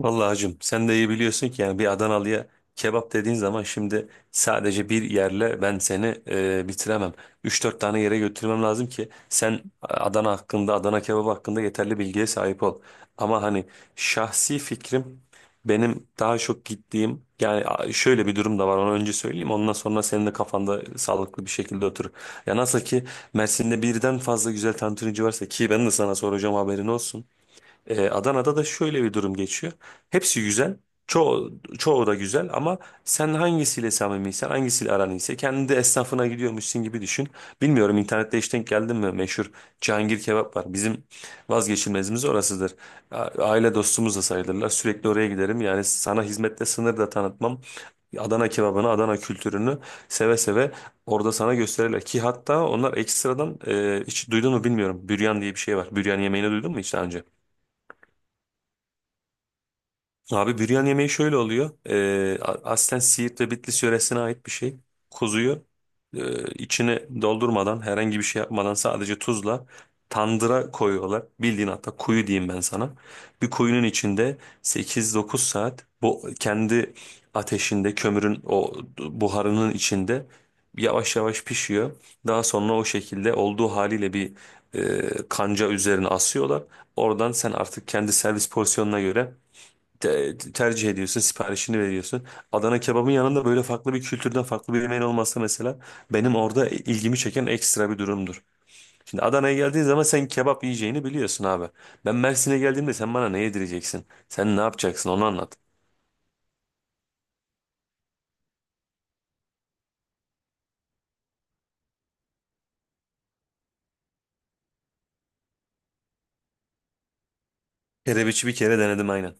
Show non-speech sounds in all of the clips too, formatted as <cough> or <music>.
Vallahi hacım sen de iyi biliyorsun ki yani bir Adanalı'ya kebap dediğin zaman şimdi sadece bir yerle ben seni bitiremem. Üç dört tane yere götürmem lazım ki sen Adana hakkında, Adana kebabı hakkında yeterli bilgiye sahip ol. Ama hani şahsi fikrim benim daha çok gittiğim yani şöyle bir durum da var, onu önce söyleyeyim ondan sonra senin de kafanda sağlıklı bir şekilde oturur. Ya nasıl ki Mersin'de birden fazla güzel tantunici varsa ki ben de sana soracağım, haberin olsun. Adana'da da şöyle bir durum geçiyor. Hepsi güzel. Çoğu, çoğu da güzel ama sen hangisiyle samimiysen, hangisiyle aran iyiyse kendi de esnafına gidiyormuşsun gibi düşün. Bilmiyorum, internette hiç denk geldin mi? Meşhur Cihangir kebap var. Bizim vazgeçilmezimiz orasıdır. A- Aile dostumuz da sayılırlar. Sürekli oraya giderim. Yani sana hizmette sınır da tanıtmam. Adana kebabını, Adana kültürünü seve seve orada sana gösterirler. Ki hatta onlar ekstradan hiç duydun mu bilmiyorum. Büryan diye bir şey var. Büryan yemeğini duydun mu hiç daha önce? Abi büryan yemeği şöyle oluyor. Aslen Siirt ve Bitlis yöresine ait bir şey. Kuzuyu içine doldurmadan, herhangi bir şey yapmadan sadece tuzla tandıra koyuyorlar. Bildiğin hatta kuyu diyeyim ben sana. Bir kuyunun içinde 8-9 saat bu kendi ateşinde, kömürün o buharının içinde yavaş yavaş pişiyor. Daha sonra o şekilde olduğu haliyle bir kanca üzerine asıyorlar. Oradan sen artık kendi servis porsiyonuna göre tercih ediyorsun, siparişini veriyorsun. Adana kebabın yanında böyle farklı bir kültürden farklı bir yemeğin olması mesela benim orada ilgimi çeken ekstra bir durumdur. Şimdi Adana'ya geldiğin zaman sen kebap yiyeceğini biliyorsun abi. Ben Mersin'e geldiğimde sen bana ne yedireceksin? Sen ne yapacaksın, onu anlat. Kerebiçi bir kere denedim, aynen.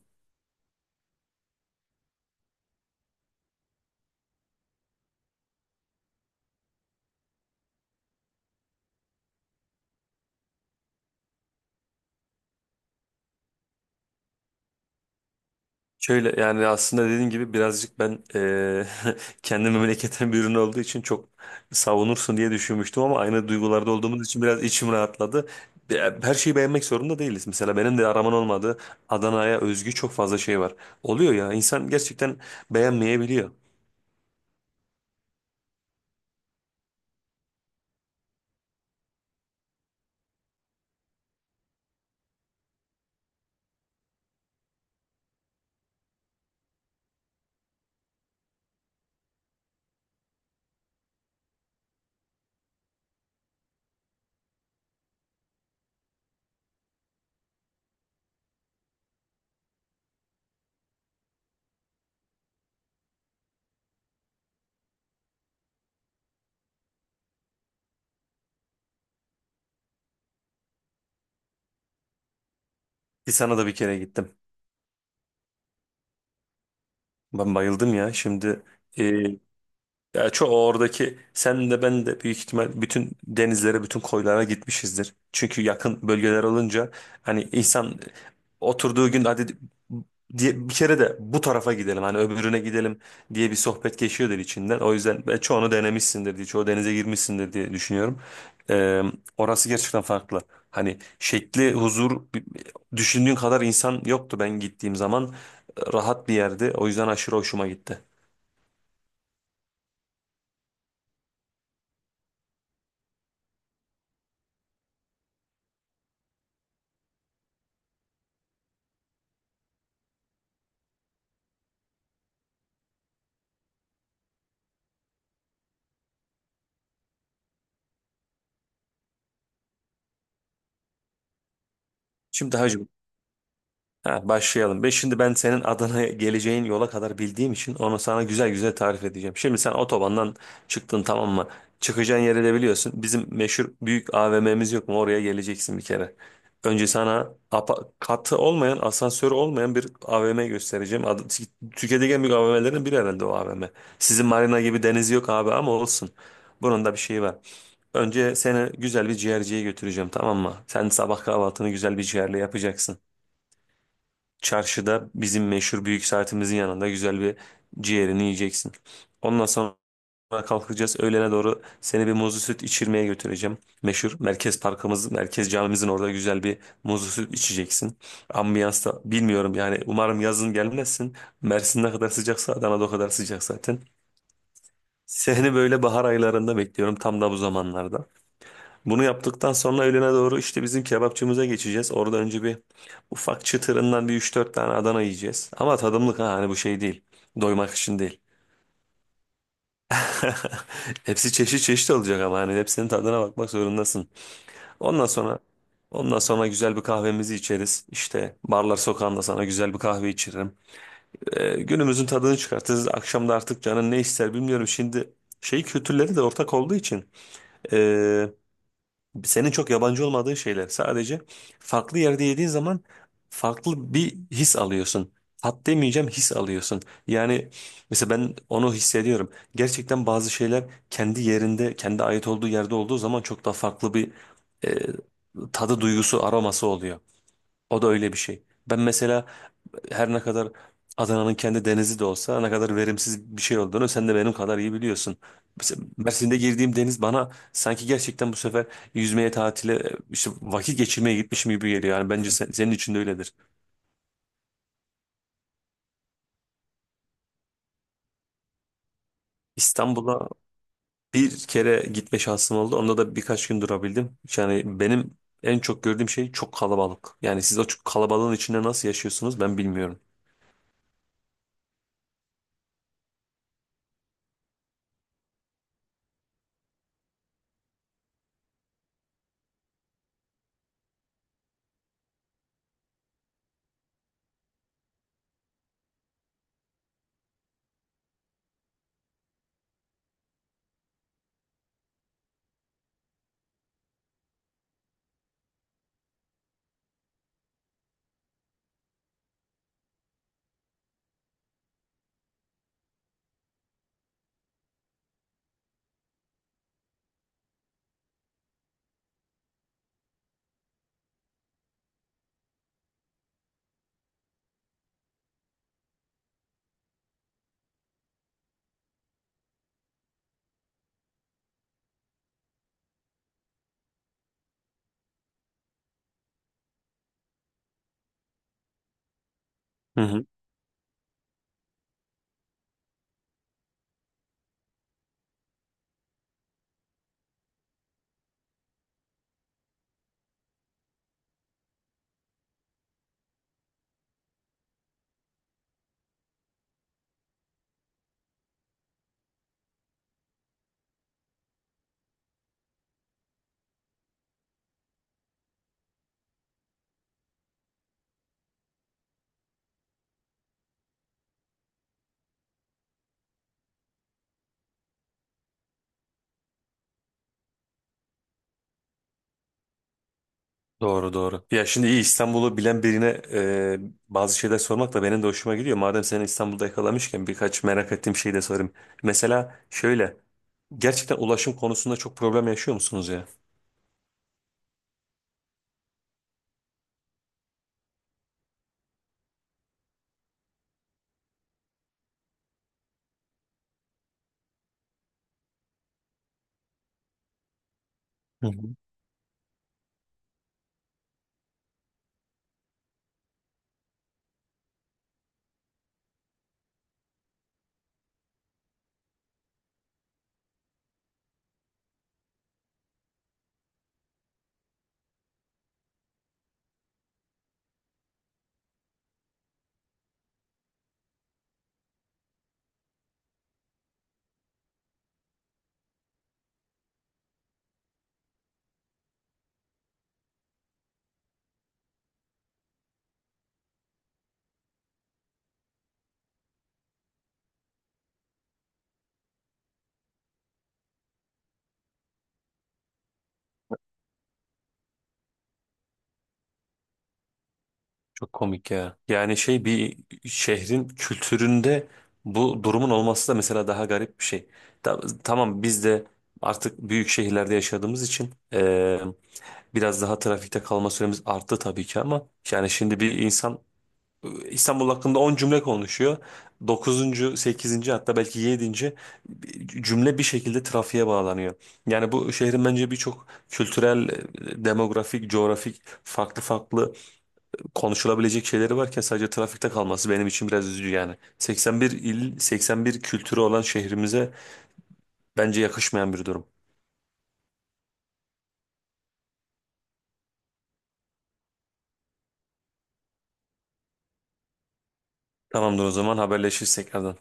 Şöyle, yani aslında dediğin gibi birazcık ben <laughs> kendi memleketim bir ürün olduğu için çok savunursun diye düşünmüştüm ama aynı duygularda olduğumuz için biraz içim rahatladı. Her şeyi beğenmek zorunda değiliz. Mesela benim de araman olmadığı Adana'ya özgü çok fazla şey var. Oluyor ya, insan gerçekten beğenmeyebiliyor. Ki sana da bir kere gittim. Ben bayıldım ya. Ya çoğu oradaki, sen de ben de büyük ihtimal bütün denizlere, bütün koylara gitmişizdir. Çünkü yakın bölgeler olunca hani insan oturduğu gün hadi diye bir kere de bu tarafa gidelim, hani öbürüne gidelim diye bir sohbet geçiyordur içinden. O yüzden ben çoğunu denemişsindir diye, çoğu denize girmişsindir diye düşünüyorum. Ee, Orası gerçekten farklı. Hani şekli, huzur, düşündüğün kadar insan yoktu ben gittiğim zaman. Rahat bir yerdi. O yüzden aşırı hoşuma gitti. Şimdi hacı Ha, başlayalım. Ve şimdi ben senin Adana'ya geleceğin yola kadar bildiğim için onu sana güzel güzel tarif edeceğim. Şimdi sen otobandan çıktın, tamam mı? Çıkacağın yeri de biliyorsun. Bizim meşhur büyük AVM'miz yok mu? Oraya geleceksin bir kere. Önce sana katı olmayan, asansörü olmayan bir AVM göstereceğim. Adı, Türkiye'deki en büyük AVM'lerin biri herhalde o AVM. Sizin marina gibi deniz yok abi, ama olsun. Bunun da bir şeyi var. Önce seni güzel bir ciğerciye götüreceğim, tamam mı? Sen sabah kahvaltını güzel bir ciğerle yapacaksın. Çarşıda bizim meşhur büyük saatimizin yanında güzel bir ciğerini yiyeceksin. Ondan sonra kalkacağız. Öğlene doğru seni bir muzlu süt içirmeye götüreceğim. Meşhur merkez parkımız, merkez camimizin orada güzel bir muzlu süt içeceksin. Ambiyans da bilmiyorum, yani umarım yazın gelmezsin. Mersin ne kadar sıcaksa Adana'da o kadar sıcak zaten. Seni böyle bahar aylarında bekliyorum, tam da bu zamanlarda. Bunu yaptıktan sonra öğlene doğru işte bizim kebapçımıza geçeceğiz. Orada önce bir ufak çıtırından bir üç dört tane Adana yiyeceğiz. Ama tadımlık, ha, hani bu şey değil. Doymak için değil. <laughs> Hepsi çeşit çeşit olacak ama hani hepsinin tadına bakmak zorundasın. Ondan sonra ondan sonra güzel bir kahvemizi içeriz. İşte barlar sokağında sana güzel bir kahve içiririm. Günümüzün tadını çıkartırız. Akşam da artık canın ne ister bilmiyorum. Şimdi şey kültürleri de ortak olduğu için, ee, senin çok yabancı olmadığın şeyler. Sadece farklı yerde yediğin zaman farklı bir his alıyorsun. Tat demeyeceğim, his alıyorsun. Yani mesela ben onu hissediyorum. Gerçekten bazı şeyler kendi yerinde, kendi ait olduğu yerde olduğu zaman çok daha farklı bir e, tadı, duygusu, aroması oluyor. O da öyle bir şey. Ben mesela her ne kadar Adana'nın kendi denizi de olsa ne kadar verimsiz bir şey olduğunu sen de benim kadar iyi biliyorsun. Mesela Mersin'de girdiğim deniz bana sanki gerçekten bu sefer yüzmeye, tatile, işte vakit geçirmeye gitmişim gibi geliyor. Yani bence senin için de öyledir. İstanbul'a bir kere gitme şansım oldu. Onda da birkaç gün durabildim. Yani benim en çok gördüğüm şey çok kalabalık. Yani siz o çok kalabalığın içinde nasıl yaşıyorsunuz ben bilmiyorum. Hı hı. Doğru doğru. Ya şimdi iyi İstanbul'u bilen birine e, bazı şeyler sormak da benim de hoşuma gidiyor. Madem seni İstanbul'da yakalamışken birkaç merak ettiğim şeyi de sorayım. Mesela şöyle, gerçekten ulaşım konusunda çok problem yaşıyor musunuz ya? Hı hı. Çok komik ya. Yani şey, bir şehrin kültüründe bu durumun olması da mesela daha garip bir şey. Tamam, biz de artık büyük şehirlerde yaşadığımız için biraz daha trafikte kalma süremiz arttı tabii ki, ama yani şimdi bir insan İstanbul hakkında 10 cümle konuşuyor, dokuzuncu, sekizinci hatta belki 7. cümle bir şekilde trafiğe bağlanıyor. Yani bu şehrin bence birçok kültürel, demografik, coğrafik, farklı farklı konuşulabilecek şeyleri varken sadece trafikte kalması benim için biraz üzücü yani. 81 il, 81 kültürü olan şehrimize bence yakışmayan bir durum. Tamamdır, o zaman haberleşiriz tekrardan.